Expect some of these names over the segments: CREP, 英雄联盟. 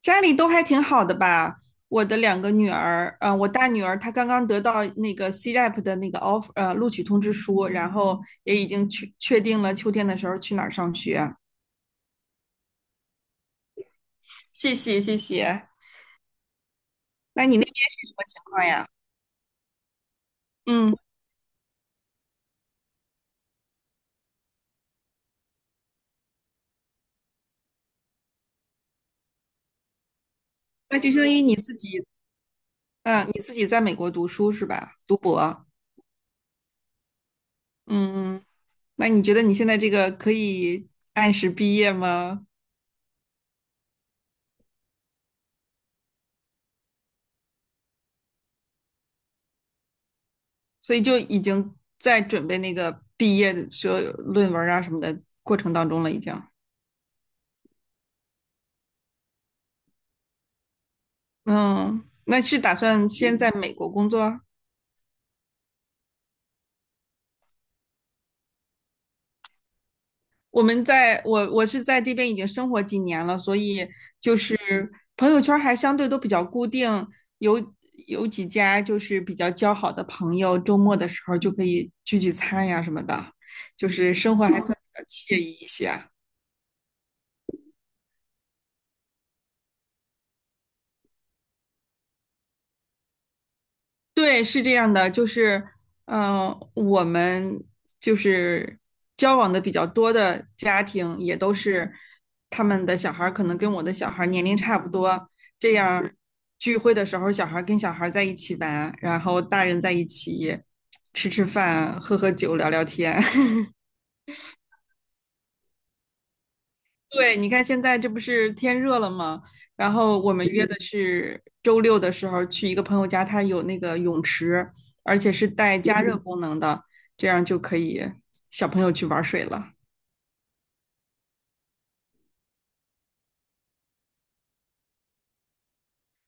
家里都还挺好的吧？我的两个女儿，我大女儿她刚刚得到那个 CREP 的那个 offer，录取通知书，然后也已经确定了秋天的时候去哪儿上学。谢谢。那你那边是什么情况呀？嗯，那就相当于你自己，嗯、你自己在美国读书是吧？读博。嗯，那你觉得你现在这个可以按时毕业吗？所以就已经在准备那个毕业的所有论文啊什么的过程当中了，已经。嗯，那是打算先在美国工作啊？我是在这边已经生活几年了，所以就是朋友圈儿还相对都比较固定，有有几家就是比较交好的朋友，周末的时候就可以聚聚餐呀什么的，就是生活还算比较惬意一些。对，是这样的，就是，嗯、我们就是交往的比较多的家庭，也都是他们的小孩儿可能跟我的小孩儿年龄差不多，这样儿聚会的时候，小孩儿跟小孩儿在一起玩，然后大人在一起吃吃饭、喝喝酒、聊聊天。对，你看现在这不是天热了吗？然后我们约的是周六的时候去一个朋友家，他有那个泳池，而且是带加热功能的，这样就可以小朋友去玩水了。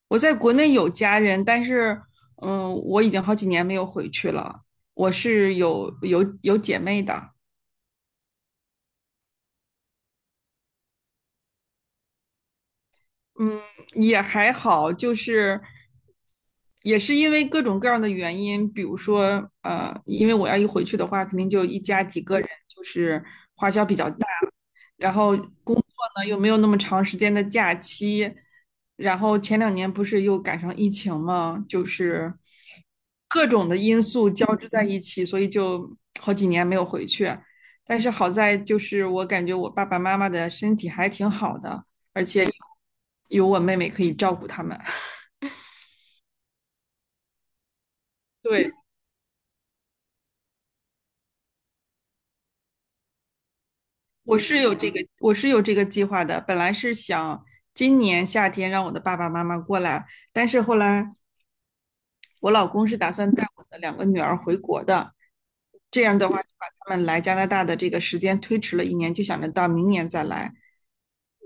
我在国内有家人，但是嗯，我已经好几年没有回去了。我是有姐妹的，嗯，也还好，就是也是因为各种各样的原因，比如说，因为我要一回去的话，肯定就一家几个人，就是花销比较大，然后工作呢又没有那么长时间的假期，然后前两年不是又赶上疫情嘛，就是各种的因素交织在一起，所以就好几年没有回去。但是好在就是我感觉我爸爸妈妈的身体还挺好的。而且有我妹妹可以照顾他们。对，我是有这个计划的。本来是想今年夏天让我的爸爸妈妈过来，但是后来我老公是打算带我的两个女儿回国的，这样的话就把他们来加拿大的这个时间推迟了一年，就想着到明年再来，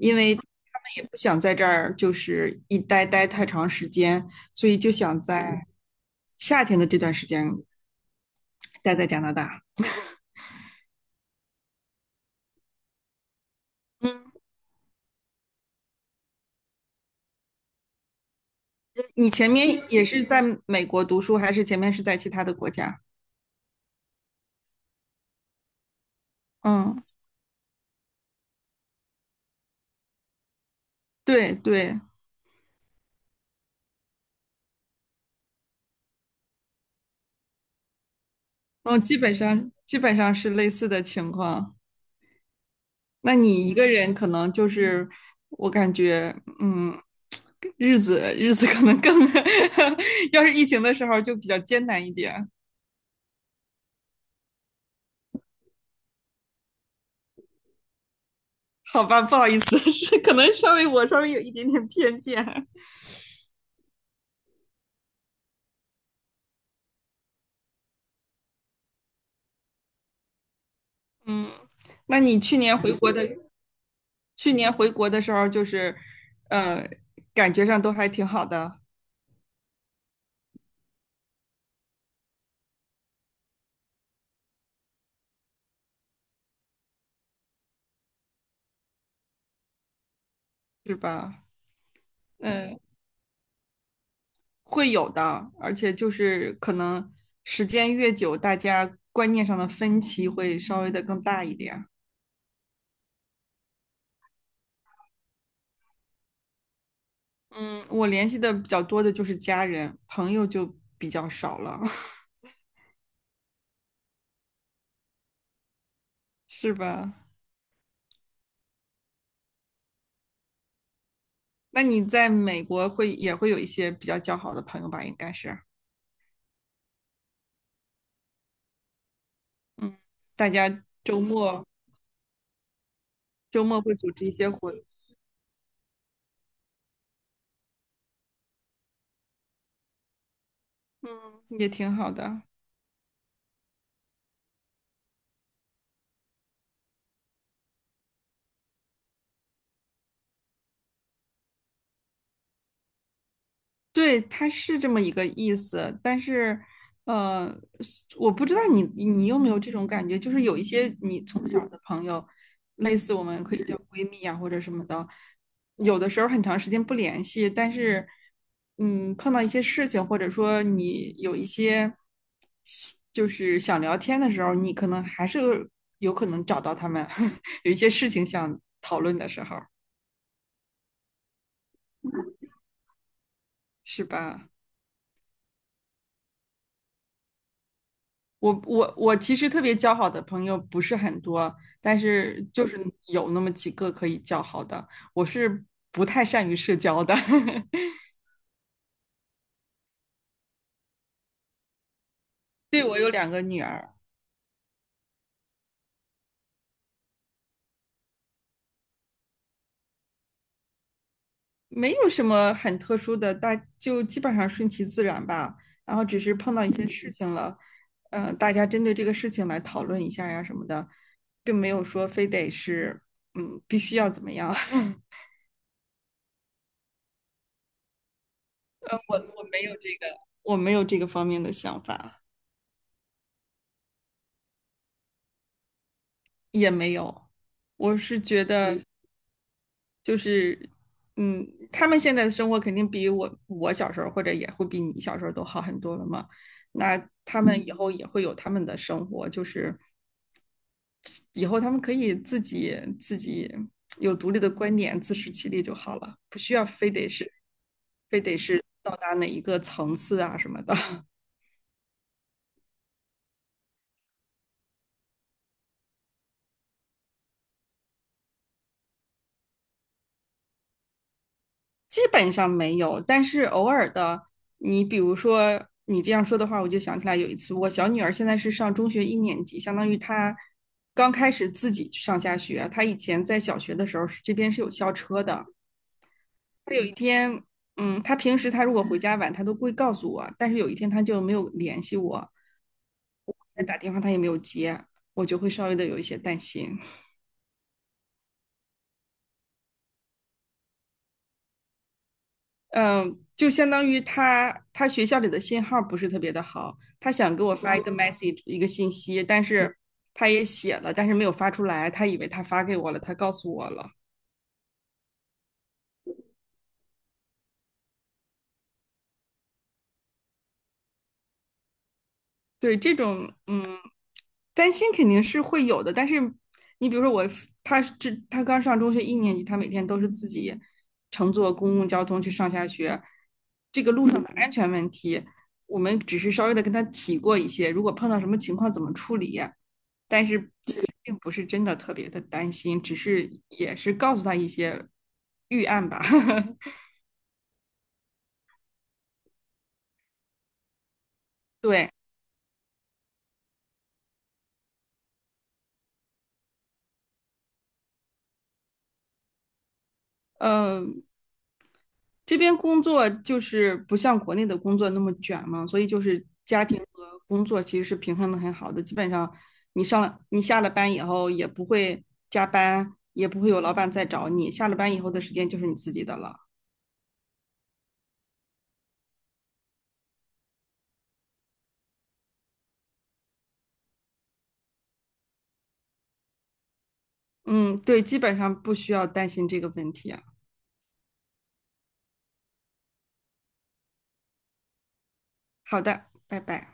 因为他们也不想在这儿就是待太长时间，所以就想在夏天的这段时间待在加拿大。嗯。你前面也是在美国读书，还是前面是在其他的国家？嗯，对对，嗯，基本上是类似的情况。那你一个人可能就是，我感觉，嗯，日子可能更，要是疫情的时候就比较艰难一点。好吧，不好意思，是可能我稍微有一点点偏见。嗯，那你去年回国的，去年回国的时候就是，呃，感觉上都还挺好的。是吧？嗯，会有的，而且就是可能时间越久，大家观念上的分歧会稍微的更大一点。嗯，我联系的比较多的就是家人，朋友就比较少了，是吧？那你在美国会也会有一些比较交好的朋友吧？应该是，嗯，大家周末会组织一些活，嗯，也挺好的。对，它是这么一个意思，但是，呃，是我不知道你有没有这种感觉，就是有一些你从小的朋友，类似我们可以叫闺蜜啊或者什么的，有的时候很长时间不联系，但是，嗯，碰到一些事情，或者说你有一些就是想聊天的时候，你可能还是有可能找到他们，有一些事情想讨论的时候，是吧？我其实特别交好的朋友不是很多，但是就是有那么几个可以交好的。我是不太善于社交的，对，我有两个女儿，没有什么很特殊的，基本上顺其自然吧。然后只是碰到一些事情了，大家针对这个事情来讨论一下呀什么的，并没有说非得是嗯必须要怎么样。我我没有这个，我没有这个方面的想法。也没有，我是觉得嗯就是，嗯，他们现在的生活肯定比我小时候或者也会比你小时候都好很多了嘛。那他们以嗯后也会有他们的生活，就是以后他们可以自己有独立的观点，自食其力就好了，不需要非得是到达哪一个层次啊什么的。基本上没有，但是偶尔的，你比如说你这样说的话，我就想起来有一次，我小女儿现在是上中学一年级，相当于她刚开始自己上下学。她以前在小学的时候这边是有校车的。她有一天，嗯，她平时她如果回家晚，她都会告诉我，但是有一天她就没有联系我，打电话她也没有接，我就会稍微的有一些担心。嗯，就相当于他学校里的信号不是特别的好，他想给我发一个 message 一个信息，但是他也写了，但是没有发出来，他以为他发给我了，他告诉我了。对，这种嗯担心肯定是会有的，但是你比如说我，他刚上中学一年级，他每天都是自己乘坐公共交通去上下学，这个路上的安全问题，我们只是稍微的跟他提过一些，如果碰到什么情况怎么处理。但是并不是真的特别的担心，只是也是告诉他一些预案吧。对，嗯，这边工作就是不像国内的工作那么卷嘛，所以就是家庭和工作其实是平衡的很好的。基本上你上了你下了班以后也不会加班，也不会有老板再找你，下了班以后的时间就是你自己的了。嗯，对，基本上不需要担心这个问题啊。好的，拜拜。